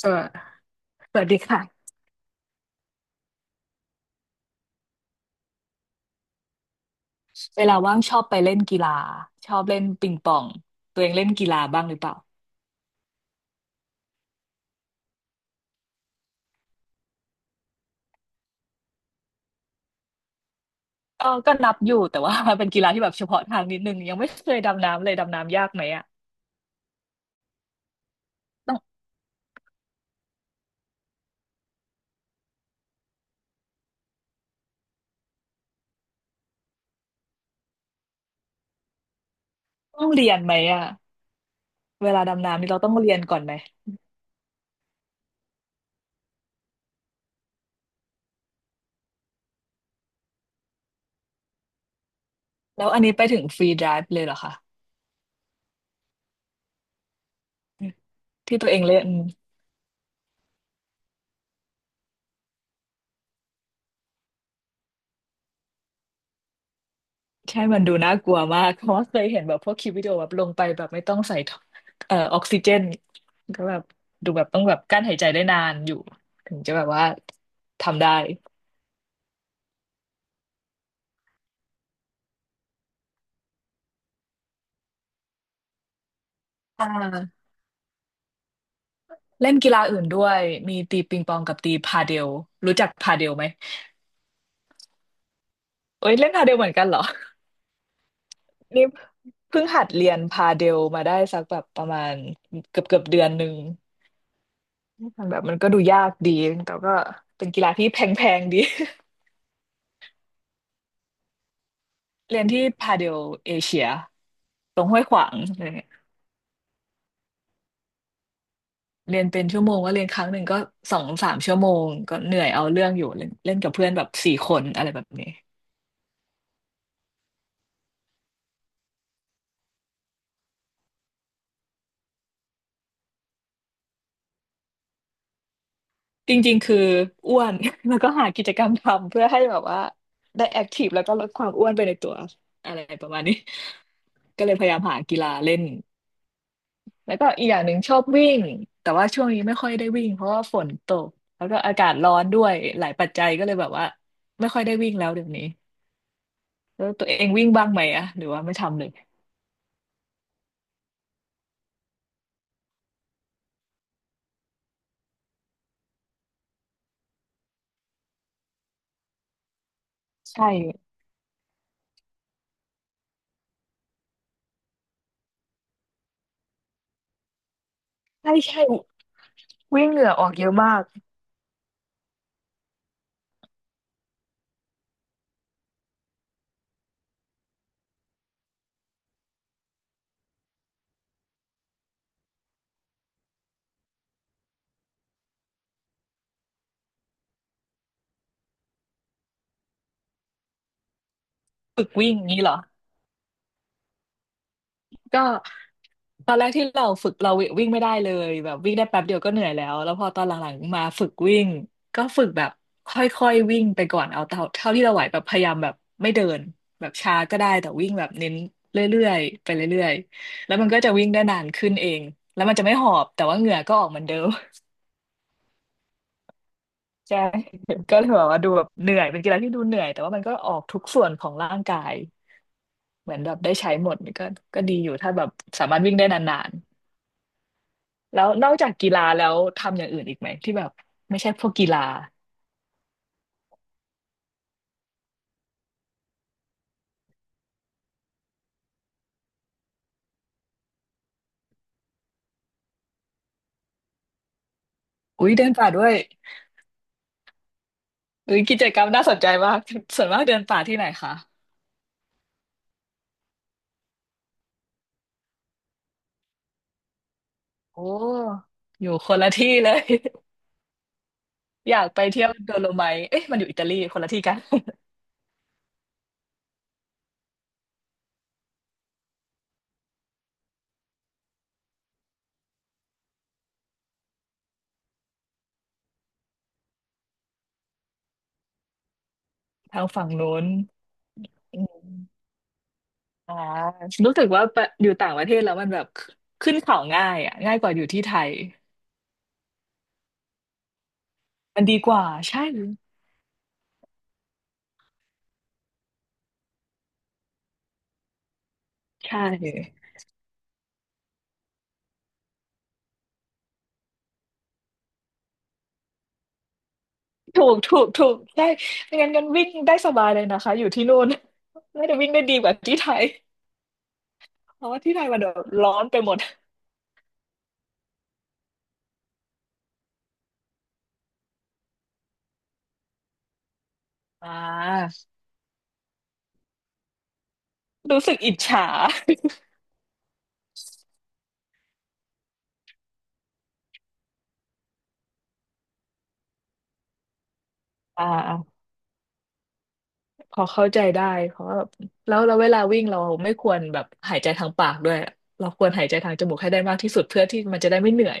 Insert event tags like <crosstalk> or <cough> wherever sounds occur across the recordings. สวสสวัสดีค่ะ เวลาว่างชอบไปเล่นกีฬาชอบเล่นปิงปองตัวเองเล่นกีฬาบ้างหรือเปล่าก็นับอยู่แต่ว่า <laughs> เป็นกีฬาที่แบบเฉพาะทางนิดนึงยังไม่เคยดำน้ำเลยดำน้ำยากไหมอะต้องต้องเรียนไหมอะเวลาดำน้ำนี่เราต้องเรียนก่อนไหมแล้วอันนี้ไปถึงฟรีไดฟ์เลยเหรอคะที่ตัวเองเล่นใช่มันดูน่ากลัวมากเพราะว่าเคยเห็นแบบพวกคลิปวิดีโอแบบลงไปแบบไม่ต้องใส่ท่อออกซิเจนก็แบบดูแบบต้องแบบกั้นหายใจได้นานอยู่ถึงจะแบบว่าทำได้ อ่าเล่นกีฬาอื่นด้วยมีตีปิงปองกับตีพาเดลรู้จักพาเดลไหมเอ้ยเล่นพาเดลเหมือนกันเหรอนี่เพิ่งหัดเรียนพาเดลมาได้สักแบบประมาณเกือบเดือนหนึ่งมันแบบมันก็ดูยากดีแต่ก็เป็นกีฬาที่แพงๆดี <laughs> เรียนที่พาเดลเอเชียตรงห้วยขวางอะไรเงี้ยเรียนเป็นชั่วโมงก็เรียนครั้งหนึ่งก็สองสามชั่วโมงก็เหนื่อยเอาเรื่องอยู่เล่นเล่นกับเพื่อนแบบสี่คนอะไรแบบนี้ จริงๆคืออ้วน <laughs> แล้วก็หากิจกรรมทำเพื่อให้แบบว่าได้แอคทีฟแล้วก็ลดความอ้วนไปในตัวอะไรประมาณนี้ <laughs> ก็เลยพยายามหากีฬาเล่นแล้วก็อีกอย่างหนึ่งชอบวิ่งแต่ว่าช่วงนี้ไม่ค่อยได้วิ่งเพราะว่าฝนตกแล้วก็อากาศร้อนด้วยหลายปัจจัยก็เลยแบบว่าไม่ค่อยได้วิ่งแล้วเดี๋ยวนี้แล้วตัวเองวิ่งบ้างไหมอะหรือว่าไม่ทำเลยใช่ใช่ใช่วิ่งเหงื่อออกเยอะมากฝึกวิ่งอย่างนี้เหรอก็ ตอนแรกที่เราฝึกเราวิ่งไม่ได้เลยแบบวิ่งได้แป๊บเดียวก็เหนื่อยแล้วแล้วพอตอนหลังๆมาฝึกวิ่งก็ฝึกแบบค่อยๆวิ่งไปก่อนเอาเท่าที่เราไหวแบบพยายามแบบไม่เดินแบบช้าก็ได้แต่วิ่งแบบเน้นเรื่อยๆไปเรื่อยๆแล้วมันก็จะวิ่งได้นานขึ้นเองแล้วมันจะไม่หอบแต่ว่าเหงื่อก็ออกเหมือนเดิม <laughs> ใช่ <laughs> ก็เลยแบบว่าดูแบบเหนื่อยเป็นกีฬาที่ดูเหนื่อยแต่ว่ามันก็ออกทุกส่วนของร่างกายเหมือนแบบได้ใช้หมดก็ก็ดีอยู่ถ้าแบบสามารถวิ่งได้นาน แล้วนอกจากกีฬาแล้วทำอย่างอื่นอีกไหมที่แบบไม่ใช่พวกกีฬาอุ้ยเดินป่าด้วยอุ้ยกิจกรรมน่าสนใจมากส่วนมากเดินป่าที่ไหนคะโอ้อยู่คนละที่เลย <laughs> อยากไปเที่ยวโดโลไมท์เอ๊ะมันอยู่อิตาลีคนละที่กัน <laughs> ทางฝั่งโน้นอืมอ่ารู้สึกว่าไปอยู่ต่างประเทศแล้วมันแบบขึ้นเขาง่ายอ่ะง่ายกว่าอยู่ที่ไทยมันดีกว่าใช่ใช่ ถูกถูกถูกได้ไม่งั้นกันวิ่งได้สบายเลยนะคะอยู่ที่นู่นน่าจะวิ่งได้ดีกว่าที่ไทยเพราะว่าที่ไทยมันแบบร้อนไปหมดอ่ารู้สึกอิจฉาอ่าพอเข้าใจได้เพราะว่าแล้วเราเวลาวิ่งเราไม่ควรแบบหายใจทางปากด้วยเราควรหายใจทางจมูกให้ได้มากที่สุดเพื่อที่มันจะได้ไม่เหนื่อย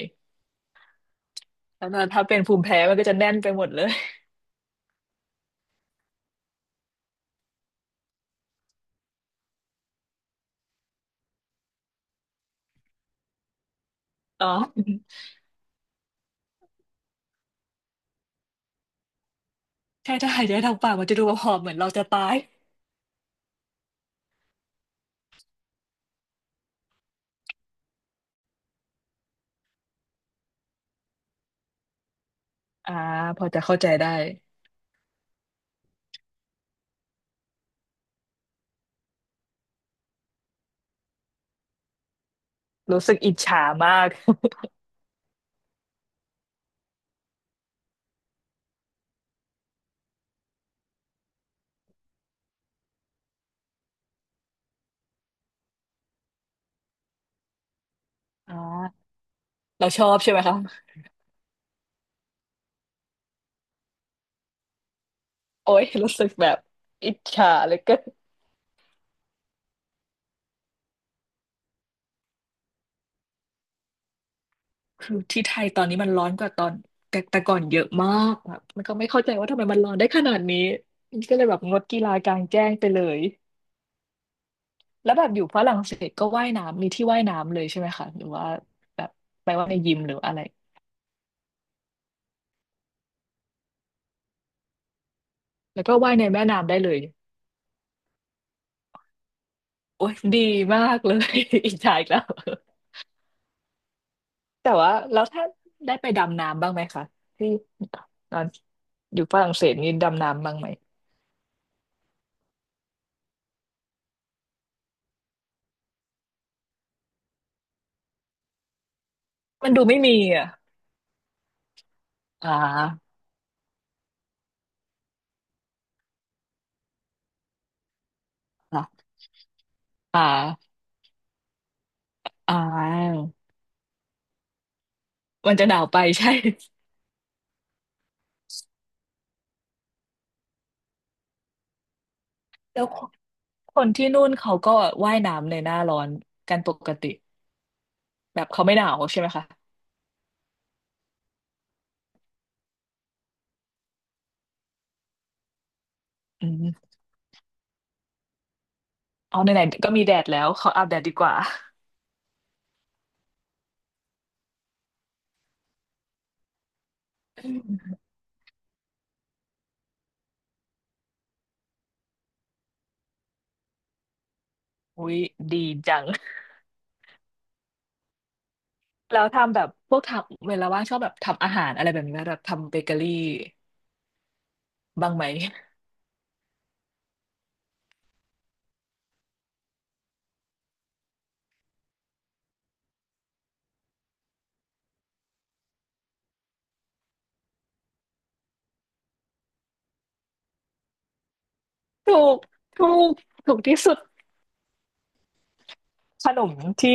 แล้วถ้าเป็นภูมิแพ้มันก็จะแน่นไปหมดเลยอ๋อใช่ถ้าหายใจทางปากมันจะดูหอบเหมือนเราจะตายอ่าพอจะเข้าใจได้รู้สึกอิจฉามากอ่า เราชอบใช่ไหมคะโอ้ยรู้สึกแบบอิจฉาเหลยก็คือที่ไทยตอนนี้มันร้อนกว่าตอนแต่ก่อนเยอะมากแบบมันก็ไม่เข้าใจว่าทำไมมันร้อนได้ขนาดนี้ก็เลยแบบงดกีฬากลางแจ้งไปเลยแล้วแบบอยู่ฝรั่งเศสก็ว่ายน้ำมีที่ว่ายน้ำเลยใช่ไหมคะหรือว่าแบบไปว่ายในยิมหรืออะไรแล้วก็ว่ายในแม่น้ำได้เลยโอ้ยดีมากเลย <laughs> อิจฉาอีกแล้วแต่ว่าแล้วถ้าได้ไปดำน้ำบ้างไหมคะที่ตอนอยู่ฝรั่งเศสนี่ดำน้ำบ้างไหมมันดูไม่มีอ่ะ อ่าอ่าอ่าอ่ามันจะหนาวไปใช่แล้วคนที่นู่นเขาก็ว่ายน้ำในหน้าร้อนกันปกติแบบเขาไม่หนาวใช่ไหมคะ อืมเอาไหนๆก็มีแดดแล้วขออาบแดดดีกว่า อุ้ยดีจังแล้วทำแบบพวกทำเวลาว่างชอบแบบทำอาหารอะไรแบบนี้ไหมแบบทำเบเกอรี่บ้างไหมถูกถูกถูกที่สุดขนมที่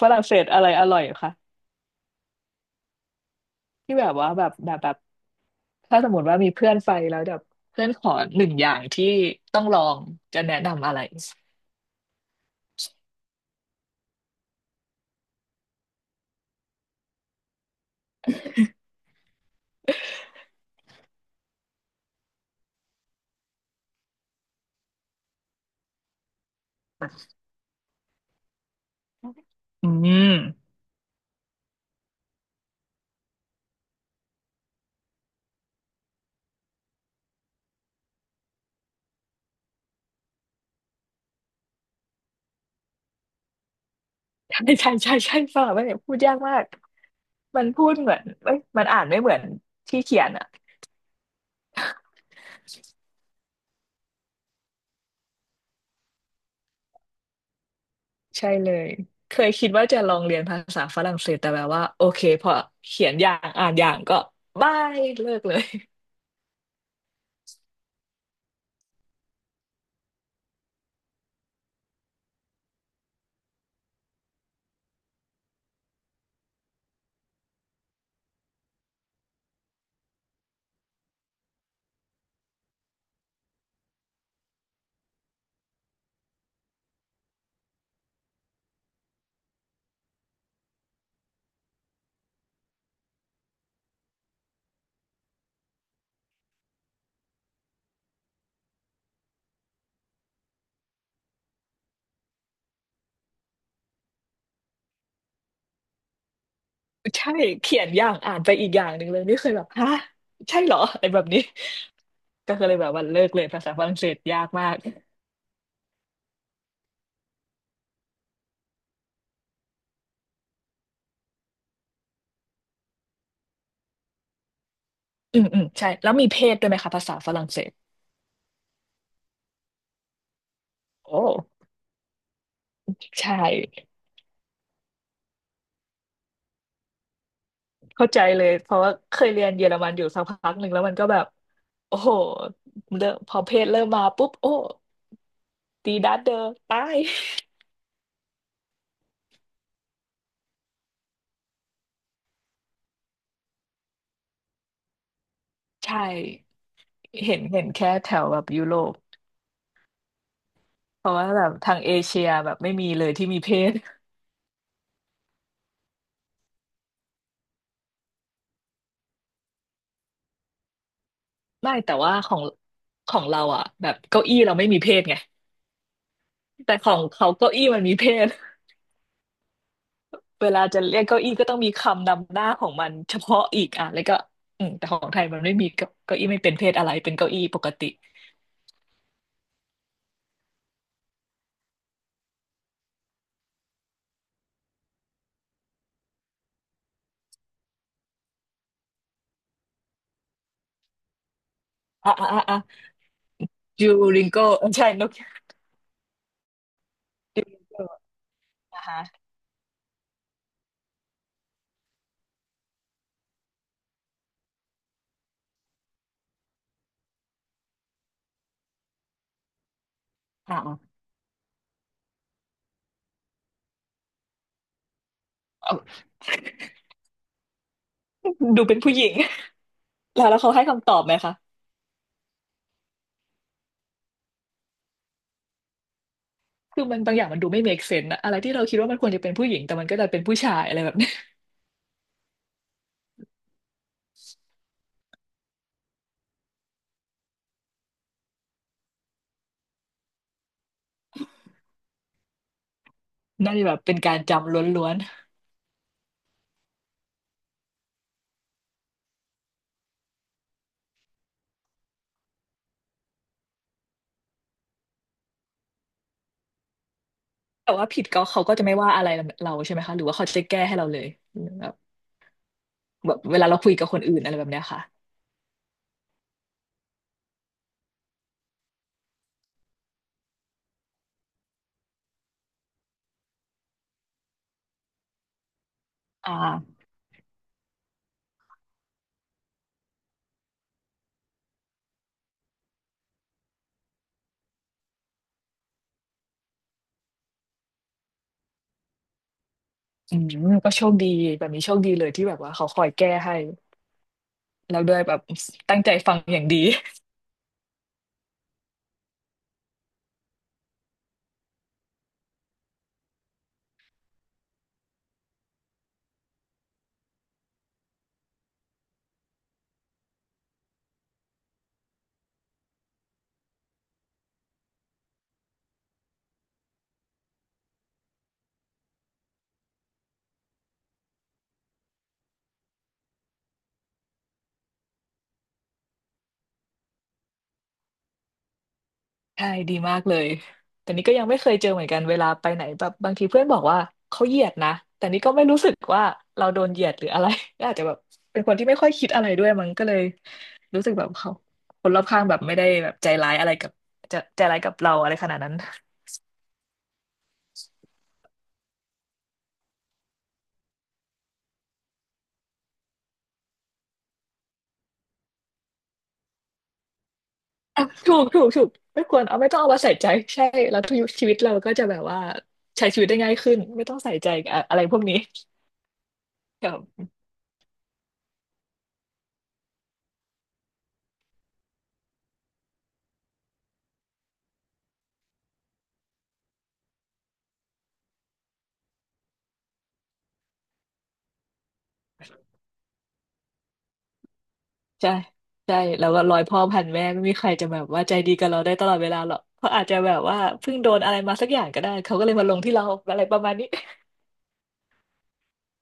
ฝรั่งเศสอะไรอร่อยคะที่แบบว่าแบบ ถ้าสมมติว่ามีเพื่อนไปแล้วแบบเพื่อนขอหนึ่งอย่างที่ต้องลองจะแนะนำอะไรอืมใช่ใช่ใช่ใช่ฝ่าไม่เนี่ยพูดยากมากมันพูดเหมือนเอ้ยมันอ่านไม่เหมือนที่เขียนอ่ะใช่เลยเคยคิดว่าจะลองเรียนภาษาฝรั่งเศสแต่แบบว่าโอเคพอเขียนอย่างอ่านอย่างก็บายเลิกเลยใช่เขียนอย่างอ่านไปอีกอย่างหนึ่งเลยนี่เคยแบบฮะใช่เหรออะไรแบบนี้ก็เลยแบบว่าเลิกเลยภาษาฝรั่งเศสยากมาก อืมอืมใช่แล้วมีเพศด้วยไหมคะภาษาฝรั่งเศสโอ้ใช่เข้าใจเลยเพราะว่าเคยเรียนเยอรมันอยู่สักพักหนึ่งแล้วมันก็แบบโอ้โหเริ่มพอเพศเริ่มมาปุ๊บโอ้ตีดัดเดอร์ตายใช่เห็นเห็นแค่แถวแบบยุโรปเพราะว่าแบบทางเอเชียแบบไม่มีเลยที่มีเพศไม่แต่ว่าของเราอ่ะแบบเก้าอี้เราไม่มีเพศไงแต่ของเขาเก้าอี้มันมีเพศ เวลาจะเรียกเก้าอี้ก็ต้องมีคำนำหน้าของมันเฉพาะอีกอ่ะแล้วก็อืมแต่ของไทยมันไม่มีเก้าอี้ไม่เป็นเพศอะไรเป็นเก้าอี้ปกติอ่ะอ่ะอ่ะอ่ะยูริงโกใช่นกยูริงโกนะคะอ่ะอ่ะเอาดูเป็นผู้หญิงแล้วเขาให้คำตอบไหมคะคือมันบางอย่างมันดูไม่ make sense อะอะไรที่เราคิดว่ามันควรจะเป็นผู้หญิงแต่มันก็จะเป็นผู้ชายอะไรแบบนี้ <laughs> น่าจะแบบเป็นการจำล้วนๆแต่ว่าผิดก็เขาก็จะไม่ว่าอะไรเราใช่ไหมคะหรือว่าเขาจะแก้ให้เราเลยแบบแบบเวลาเราคุยกับคนอื่นอะไรแบบเนี้ยค่ะอ่า อืมก็โชคดีแบบนี้โชคดีเลยที่แบบว่าเขาคอยแก้ให้แล้วด้วยแบบตั้งใจฟังอย่างดี <laughs> ใช่ดีมากเลยแต่นี่ก็ยังไม่เคยเจอเหมือนกันเวลาไปไหนแบบบางทีเพื่อนบอกว่าเขาเหยียดนะแต่นี่ก็ไม่รู้สึกว่าเราโดนเหยียดหรืออะไร <laughs> ก็อาจจะแบบเป็นคนที่ไม่ค่อยคิดอะไรด้วยมั้งก็เลยรู้สึกแบบเขาคนรอบข้างแบบไม่ได้แบบใจร้ายอะไรกับจะใจร้ายกับเราอะไรขนาดนั้น ถูกถูกถูกไม่ควรเอาไม่ต้องเอามาใส่ใจใช่แล้วทุกชีวิตเราก็จะแบบว่าใช้ชีวิตได้ง่ายขึ้นไม่ต้องใส่ใจอะอะไรพวกนี้ครับใช่ใช่แล้วก็ร้อยพ่อพันแม่ไม่มีใครจะแบบว่าใจดีกับเราได้ตลอดเวลาหรอกเขาอาจจะแบบว่าเพิ่งโดนอะไรมาสักอย่างก็ได้เขาก็เลยมาลงที่เราอะไรประมาณนี้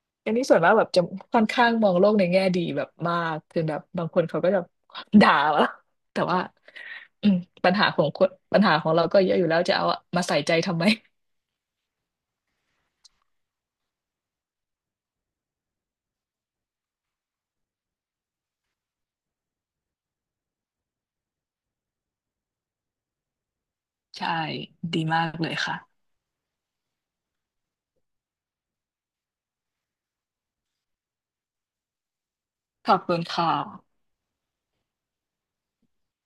<laughs> อันนี้ส่วนมากแบบจะค่อนข้างมองโลกในแง่ดีแบบมากคือแบบบางคนเขาก็จะด่าเราแต่ว่าอืมปัญหาของคนปัญหาของเราก็เยอะอยู่แล้วจะเอามาใส่ใจทำไม ใช่ดีมากเลยค่ะขอบคุณค่ะ